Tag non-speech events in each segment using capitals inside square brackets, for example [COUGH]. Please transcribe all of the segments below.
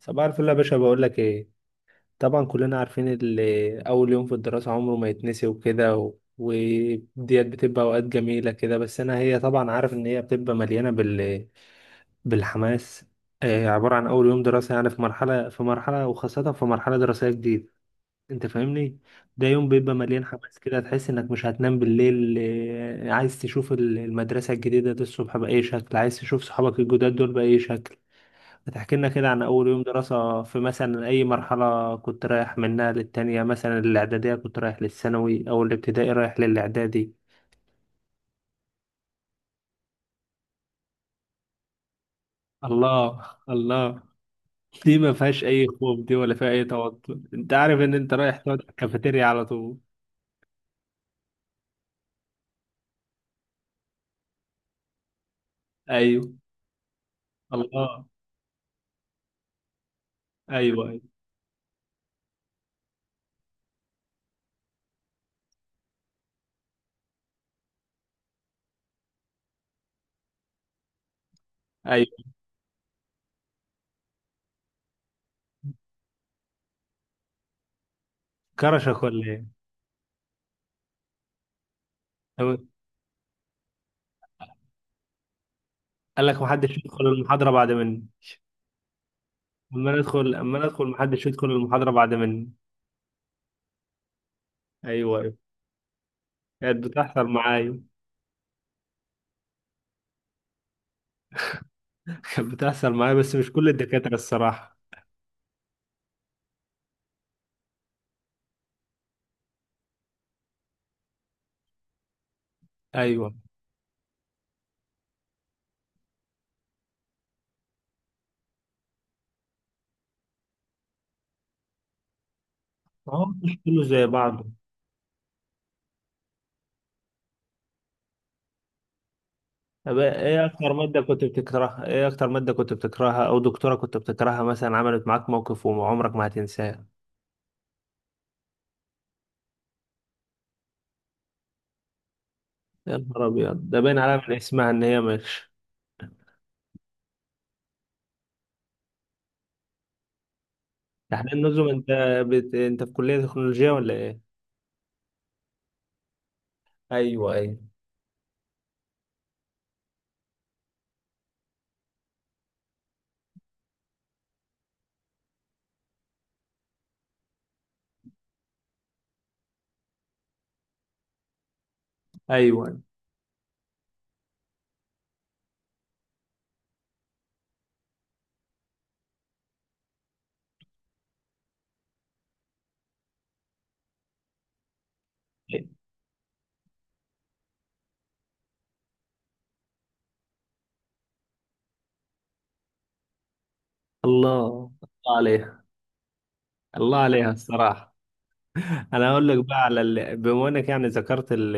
صباح الفل يا باشا، بقول لك ايه؟ طبعا كلنا عارفين اللي اول يوم في الدراسة عمره ما يتنسي وكده وديت بتبقى اوقات جميلة كده. بس انا هي طبعا عارف ان هي بتبقى مليانة بالحماس. عبارة عن اول يوم دراسة، يعني في مرحلة، وخاصة في مرحلة دراسية جديدة. انت فاهمني؟ ده يوم بيبقى مليان حماس كده، تحس انك مش هتنام بالليل. عايز تشوف المدرسة الجديدة دي الصبح بأي شكل، عايز تشوف صحابك الجداد دول بأي شكل. بتحكي لنا كده عن أول يوم دراسة في مثلا أي مرحلة كنت رايح منها للتانية، مثلا الإعدادية كنت رايح للثانوي، أو الابتدائي رايح للإعدادي. الله. الله. دي ما فيهاش أي خوف، دي ولا فيها أي توتر. أنت عارف إن أنت رايح تقعد في الكافيتيريا على طول. أيوه. الله. أيوه، أيوه، أيوه. كرشك ولا إيه؟ طب، قال لك محدش يدخل المحاضرة بعد مني؟ أما ندخل، أما ندخل محدش يدخل المحاضرة بعد مني. أيوه، أيوه. كانت بتحصل معايا. كانت بتحصل معايا، بس مش كل الدكاترة الصراحة. أيوه. ما هو مش كله زي بعضه. طب إيه أكتر مادة كنت بتكرهها، إيه أكتر مادة كنت بتكرهها أو دكتورة كنت بتكرهها مثلا عملت معاك موقف وعمرك ما هتنساه؟ يا نهار أبيض، ده باين عليها من اسمها إن هي مش. تحليل النظم، أنت أنت في كلية تكنولوجيا ولا إيه؟ أيوه، أيوه. أيوه. الله. الله عليها. الله عليها الصراحة. انا هقول لك بقى بما انك يعني ذكرت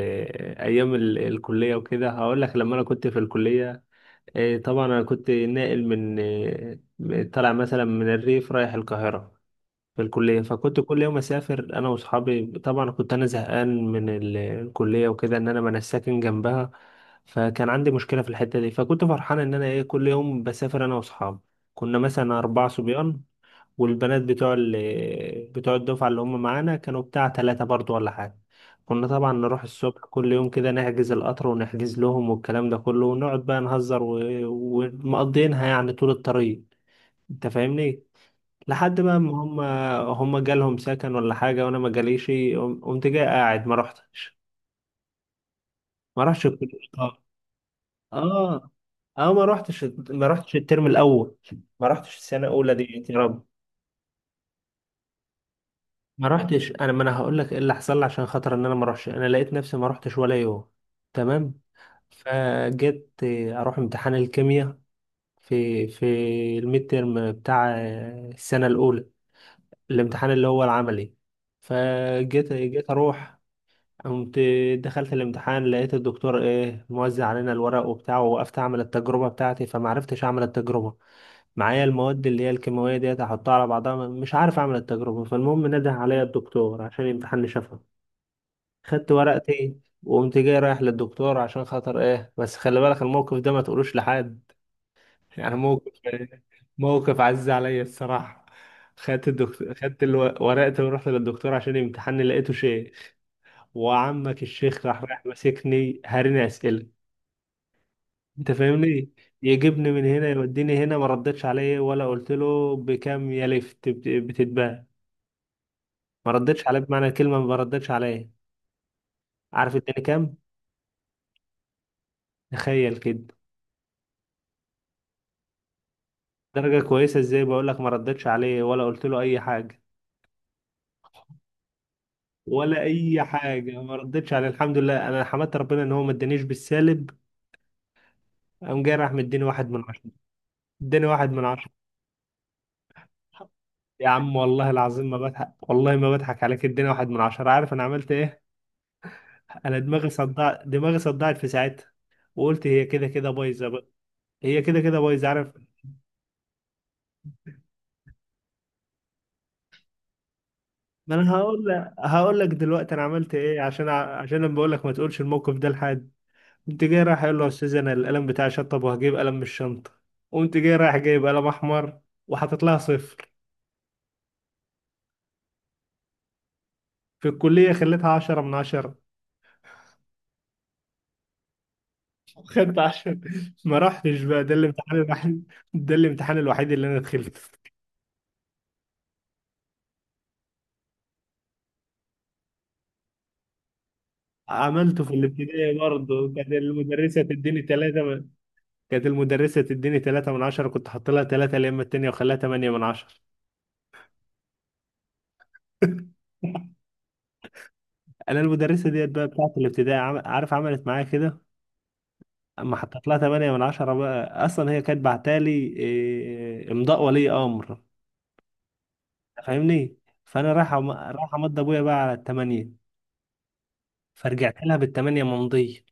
ايام الكليه وكده، هقول لك لما انا كنت في الكليه. طبعا انا كنت ناقل من طالع مثلا من الريف رايح القاهره. في الكليه، فكنت كل يوم اسافر انا واصحابي. طبعا كنت انا زهقان من الكليه وكده، ان انا ما انا ساكن جنبها. فكان عندي مشكله في الحته دي. فكنت فرحان ان انا ايه، كل يوم بسافر انا واصحابي. كنا مثلا اربعه صبيان. والبنات بتوع بتوع الدفعة اللي هم معانا كانوا بتاع تلاتة برضو ولا حاجة. كنا طبعا نروح الصبح كل يوم كده، نحجز القطر ونحجز لهم والكلام ده كله، ونقعد بقى نهزر ومقضينها يعني طول الطريق. انت فاهمني؟ لحد بقى ما هم، هم جالهم سكن ولا حاجة، وانا ما جاليش. قمت جاي قاعد ما رحتش. ما رحتش الكلية. اه. اه. اه، ما رحتش. ما رحتش الترم الاول. ما رحتش السنة الاولى دي يا رب. ما رحتش. انا ما انا هقول لك ايه اللي حصل لي عشان خاطر ان انا ما اروحش. انا لقيت نفسي ما رحتش ولا يوم. تمام. فجيت اروح امتحان الكيمياء في الميد تيرم بتاع السنه الاولى، الامتحان اللي هو العملي. جيت اروح، قمت دخلت الامتحان، لقيت الدكتور ايه موزع علينا الورق وبتاعه. ووقفت اعمل التجربه بتاعتي فما عرفتش اعمل التجربه. معايا المواد اللي هي الكيماويه ديت، احطها على بعضها مش عارف اعمل التجربه. فالمهم نده عليا الدكتور عشان يمتحنني شفوي. خدت ورقتي وقمت جاي رايح للدكتور عشان خاطر ايه، بس خلي بالك الموقف ده ما تقولوش لحد. يعني موقف، موقف عز عليا الصراحة. خدت الدكتور، خدت ورقتي ورحت للدكتور عشان يمتحني، لقيته شيخ. وعمك الشيخ راح رايح ماسكني، هاريني أسئلة. انت فاهمني؟ يجيبني من هنا يوديني هنا، ما ردتش عليه ولا قلت له بكام يا لفت بتتباع. ما ردتش عليه بمعنى الكلمة ما ردتش عليه. عارف اداني كام؟ تخيل كده. درجة كويسة ازاي، بقول لك ما ردتش عليه ولا قلت له اي حاجة. ولا اي حاجة ما ردتش عليه. الحمد لله، انا حمدت ربنا ان هو ما ادانيش بالسالب. قام جاي راح مديني 1 من 10. اداني 1 من 10. يا عم والله العظيم ما بضحك، والله ما بضحك عليك، اداني 1 من 10. عارف انا عملت ايه؟ انا دماغي صدعت، دماغي صدعت في ساعتها. وقلت هي كده كده بايظة بقى. هي كده كده بايظة، عارف. ما انا هقول لك، هقول لك دلوقتي انا عملت ايه عشان عشان انا بقول لك ما تقولش الموقف ده لحد. قمت جاي رايح اقول له يا استاذ، انا القلم بتاعي شطب وهجيب قلم من الشنطه. قمت جاي رايح جايب قلم احمر، وحاطط لها صفر. في الكليه، خليتها 10 من 10. خدت عشرة [LAUGHS] ما رحتش بقى، ده الامتحان الوحيد، ده الامتحان الوحيد اللي انا دخلته. عملته في الابتدائي برضه. كانت المدرسة تديني ثلاثة من... كانت المدرسة تديني 3 من 10، كنت حاط لها ثلاثة يا اما التانية وخليها 8 من 10 [LAUGHS] أنا المدرسة ديت بقى بتاعت الابتدائي عارف عملت معايا كده، اما حطيت لها 8 من 10 بقى، اصلا هي كانت بعتالي امضاء ولي امر. فاهمني. فانا رايح رايح امضي ابويا بقى على الثمانية. فرجعت لها بالثمانية ممضية.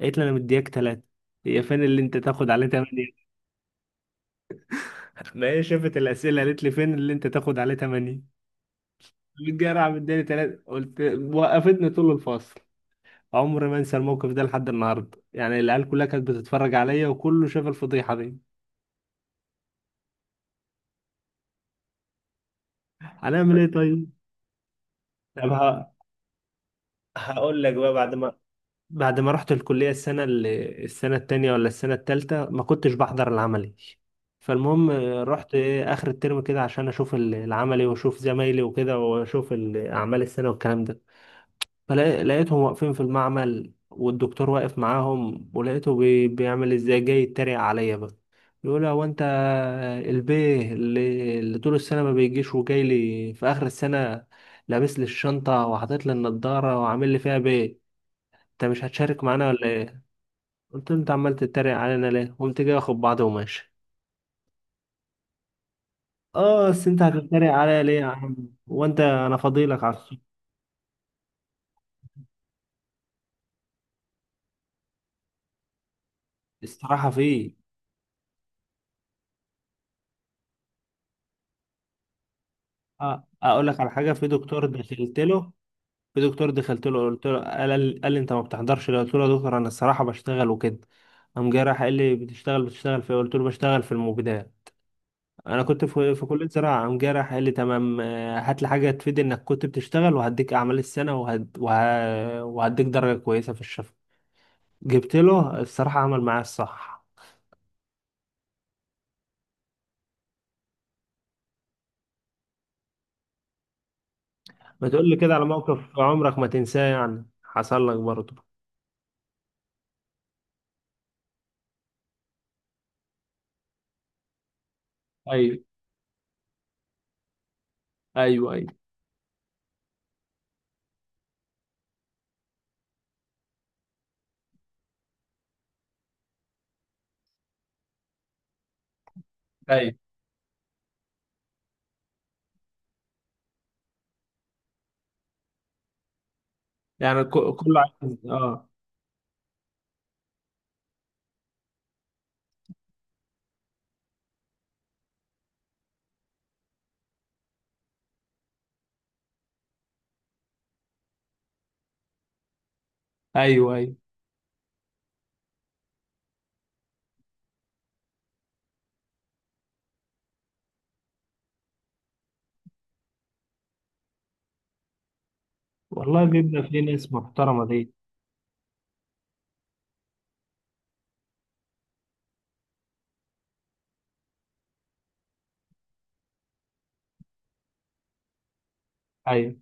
قالت لي انا مدياك ثلاثة. هي فين اللي انت تاخد عليه 8 [LAUGHS] ما هي شافت الاسئله، قالت لي فين اللي انت تاخد عليه 8. متجرع مداني ثلاثة، قلت. وقفتني طول الفصل. عمري ما انسى الموقف ده لحد النهارده، يعني العيال كلها كانت بتتفرج عليا وكله شاف الفضيحه دي. هنعمل ايه طيب؟ طب هقول لك بقى بعد ما، بعد ما رحت الكلية السنة اللي السنة التانية ولا السنة التالتة، ما كنتش بحضر العملي. فالمهم رحت إيه آخر الترم كده عشان أشوف العملي وأشوف زمايلي وكده وأشوف أعمال السنة والكلام ده. فلقيتهم واقفين في المعمل والدكتور واقف معاهم، ولقيته بيعمل إزاي، جاي يتريق عليا بقى. يقول هو أنت البيه اللي طول السنة ما بيجيش وجاي لي في آخر السنة، لابس لي الشنطة وحاطط لي النضارة وعامل لي فيها بيه. انت مش هتشارك معانا ولا؟ قلت له انت عمال تتريق علينا ليه؟ قمت جاي واخد بعضه وماشي. اه بس انت هتتريق عليا ليه يا عم؟ وانت انا فاضيلك على الصبح؟ الصراحه، في. اه اقول لك على حاجه، في دكتور دخلت له، في دكتور دخلت له قلت له، قال لي انت ما بتحضرش ليه؟ قلت له يا دكتور انا الصراحه بشتغل وكده. قام جاي راح قال لي بتشتغل، بتشتغل في إيه؟ قلت له بشتغل في المبيدات. انا كنت في كليه زراعه. قام جاي راح قال لي تمام، هات لي حاجه تفيد انك كنت بتشتغل، وهديك اعمال السنه وهديك درجه كويسه في الشفا. جبت له، الصراحة عمل معايا الصح. ما تقول لي كده على موقف عمرك ما تنساه يعني حصل لك برضه. ايوه، ايوه. ايوه، ايوه. يعني كله عايز اه. ايوه، ايوه. والله بيبقى في ناس محترمة دي. ايوه.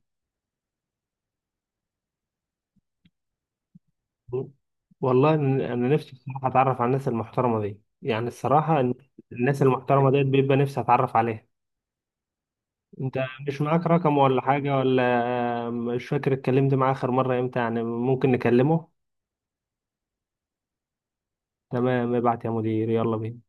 والله إن-. انا نفسي الصراحة اتعرف على الناس المحترمة دي، يعني الصراحة إن-. الناس المحترمة ديت بيبقى نفسي اتعرف عليها. انت مش معاك رقم ولا حاجة ولا، مش فاكر اتكلمت معاه اخر مرة امتى؟ يعني ممكن نكلمه. تمام، ابعت يا مدير، يلا بينا.